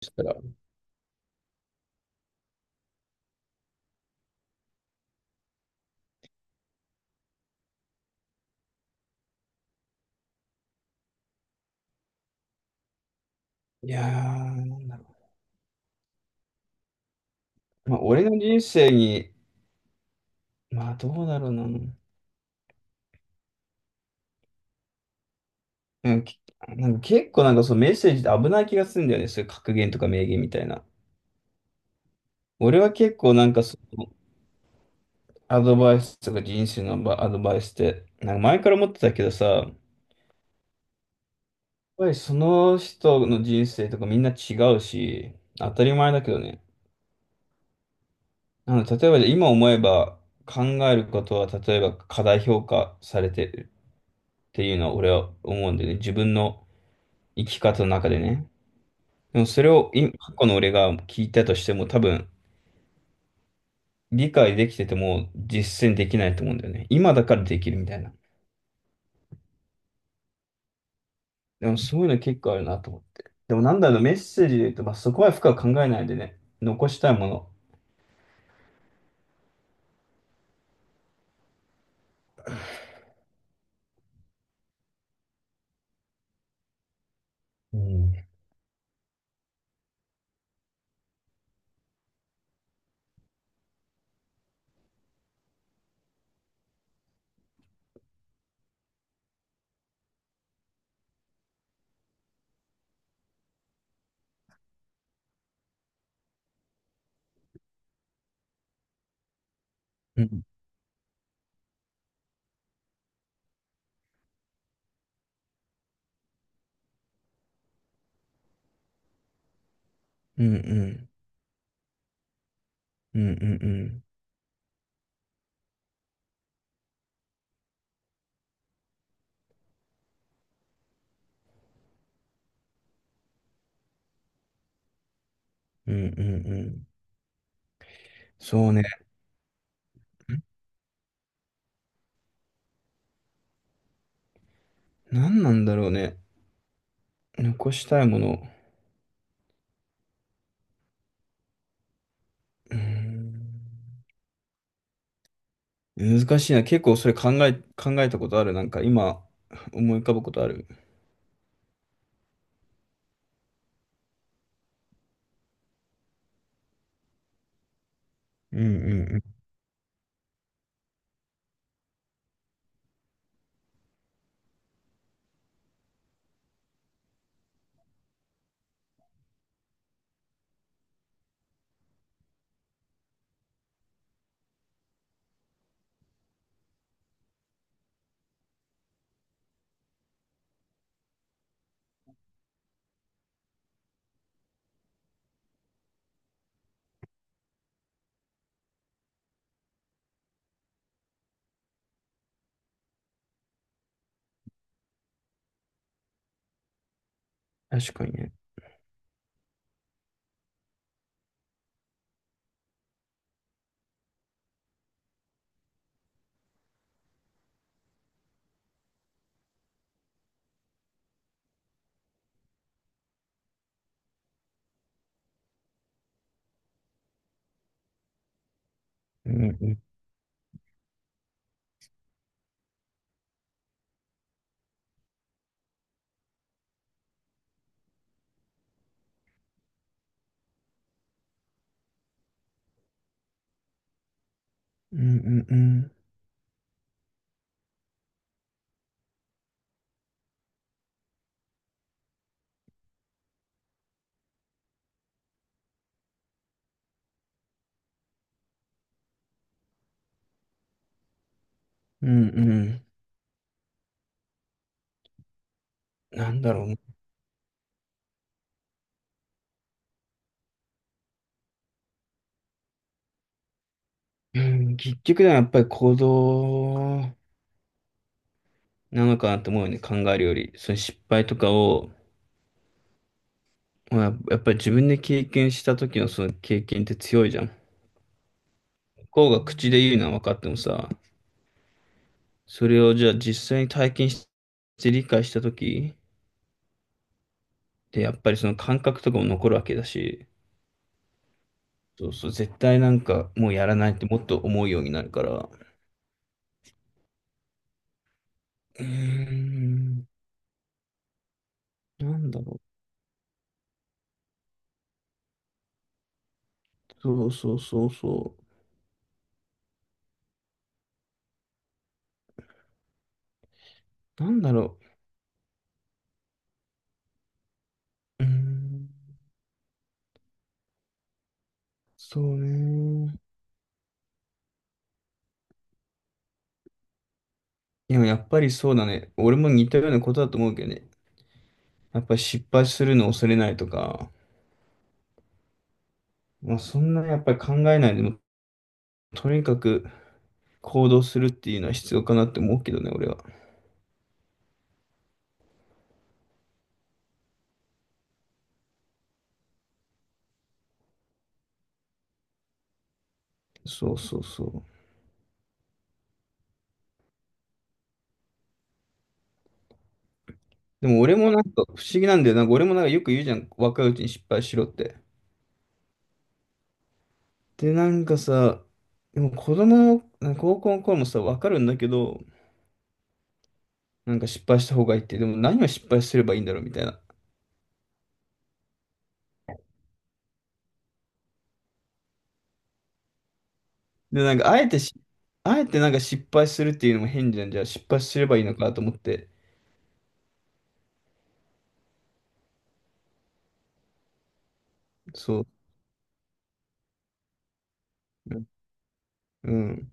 したら。いやー、なんだろう。まあ、俺の人生に、まあ、どうだろうな。うんきなんか結構なんかそのメッセージって危ない気がするんだよね。そういう格言とか名言みたいな。俺は結構なんかそのアドバイスとか人生のアドバイスって、なんか前から思ってたけどさ、やっぱりその人の人生とかみんな違うし、当たり前だけどね。あの、例えばじゃあ今思えば考えることは例えば過大評価されてるっていうのは俺は思うんだよね。自分の生き方の中でね。でもそれを今、過去の俺が聞いたとしても多分理解できてても実践できないと思うんだよね。今だからできるみたいな。でもそういうの結構あるなと思って。でもなんだろう、メッセージで言うと、まあ、そこは深く考えないでね、残したいもの。うん。うんうんうんうんうんうんうんうんうん。そうね。何なんだろうね。残したいもの。うん。難しいな。結構それ考えたことある。なんか今思い浮かぶことある。うんうんうん。確かにね。うんうんうんうんうん。うんうん。なんだろうね。うん。結局でやっぱり行動なのかなと思うよね。考えるより。その失敗とかを、まあ、やっぱり自分で経験した時のその経験って強いじゃん。向こうが口で言うのは分かってもさ、それをじゃあ実際に体験して理解した時でやっぱりその感覚とかも残るわけだし、そうそう、絶対なんかもうやらないってもっと思うようになるから。うーん。なんだろう。そうそうそうそう。なんだろう。うーん。そうね。でもやっぱりそうだね。俺も似たようなことだと思うけどね。やっぱり失敗するのを恐れないとか、まあそんなやっぱり考えないでも、とにかく行動するっていうのは必要かなって思うけどね、俺は。そうそうそう。でも俺もなんか不思議なんだよ。なんか俺もなんかよく言うじゃん。若いうちに失敗しろって。で、なんかさ、でも子供の、なんか高校の頃もさ、わかるんだけど、なんか失敗した方がいいって、でも何を失敗すればいいんだろうみたいな。で、なんかあえてし、あえてなんか失敗するっていうのも変じゃん。じゃあ失敗すればいいのかと思って。そう。うん。うん。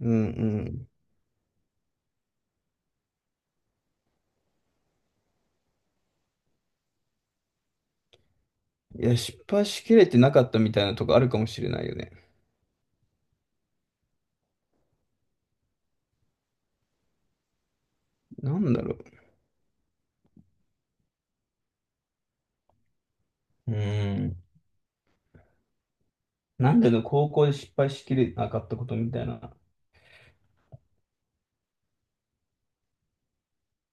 うん。うん。いや、失敗しきれてなかったみたいなとこあるかもしれないよね。なんだろう。うん。なんでの高校で失敗しきれなかったことみたいな。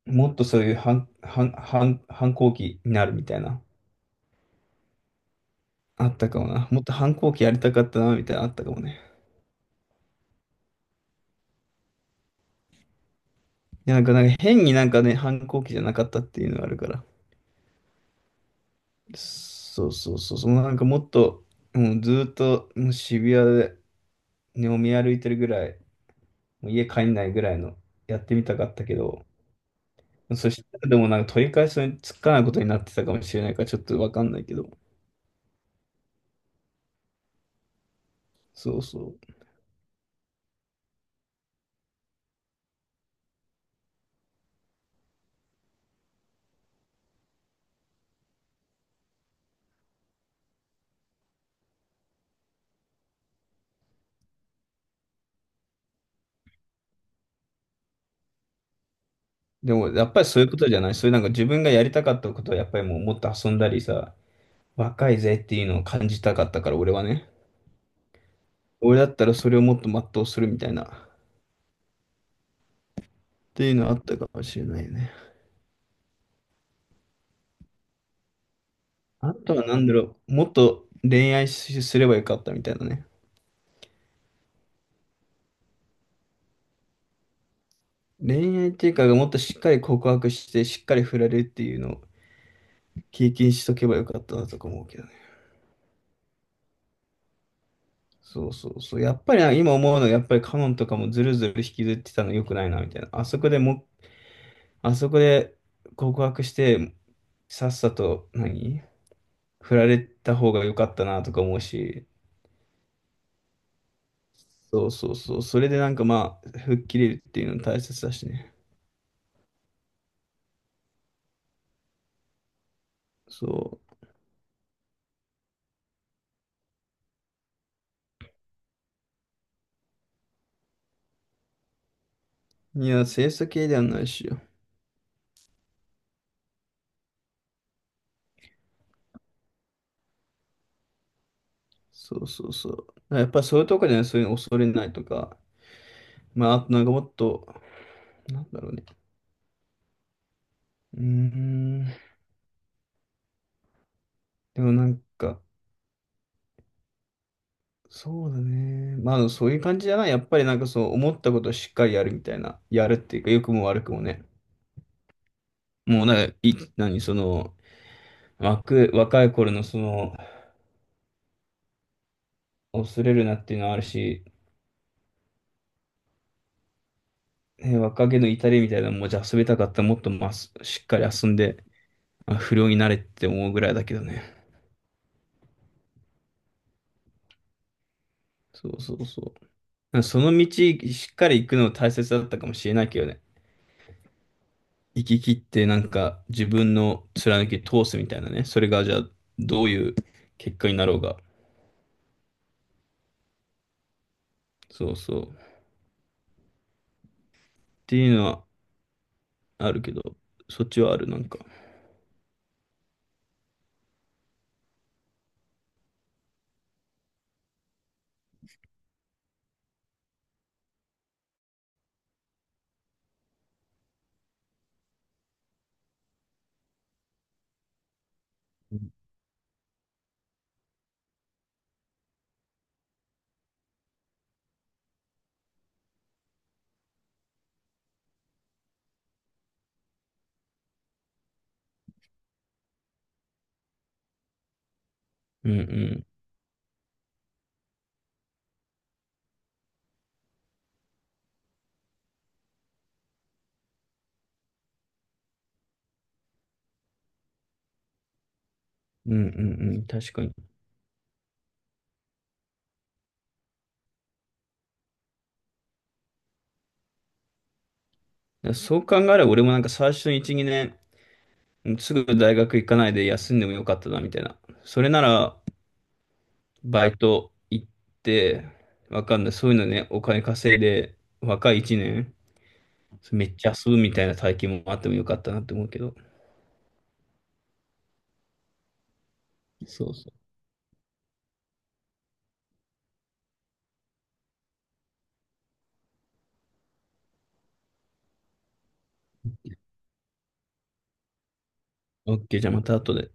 もっとそういう反抗期になるみたいな。あったかもな。もっと反抗期やりたかったな、みたいなあったかもね。いや、なんか変になんかね、反抗期じゃなかったっていうのがあるから。そうそうそう、そのなんかもっと、もうずーっともう渋谷で飲み歩いてるぐらい、もう家帰んないぐらいのやってみたかったけど、そしたらでもなんか取り返しにつかないことになってたかもしれないからちょっとわかんないけど、そうそう。でもやっぱりそういうことじゃない、そういうなんか自分がやりたかったことはやっぱりもうもっと遊んだりさ、若いぜっていうのを感じたかったから俺はね、俺だったらそれをもっと全うするみたいな。っていうのあったかもしれないね。あとは何だろう、もっと恋愛すればよかったみたいなね。恋愛っていうか、もっとしっかり告白して、しっかり振られるっていうのを経験しとけばよかったなとか思うけどね。そうそうそう。やっぱりな今思うのは、やっぱりカノンとかもずるずる引きずってたの良くないな、みたいな。あそこでも、あそこで告白して、さっさと何、振られた方が良かったなとか思うし、そうそうそう。それでなんかまあ、吹っ切れるっていうの大切だしね。そう。いや、清楚系ではないしよ。そうそうそう。やっぱそういうとこじゃない、そういうの恐れないとか。まあ、あとなんかもっと、なんだろうね。うーん。でもなんか、そうだね。まあ、でもそういう感じじゃない。やっぱりなんかそう、思ったことをしっかりやるみたいな。やるっていうか、良くも悪くもね。もうなんか、その、若い頃のその、恐れるなっていうのはあるし、ね、若気の至りみたいなのも、じゃあ遊びたかったらもっとまあ、しっかり遊んで、まあ、不良になれって思うぐらいだけどね。そうそうそう。その道しっかり行くの大切だったかもしれないけどね。行き切ってなんか自分の貫き通すみたいなね。それがじゃあどういう結果になろうが。そうそう。っていうのはあるけど、そっちはあるなんか。うんうん。うんうんうん。確かに。だからそう考えれば俺もなんか最初の1、2年、すぐ大学行かないで休んでもよかったなみたいな。それならバイト行って、わかんない。そういうのね、お金稼いで、若い1年、めっちゃ遊ぶみたいな体験もあってもよかったなって思うけど。そうそう。OK、じゃあまた後で。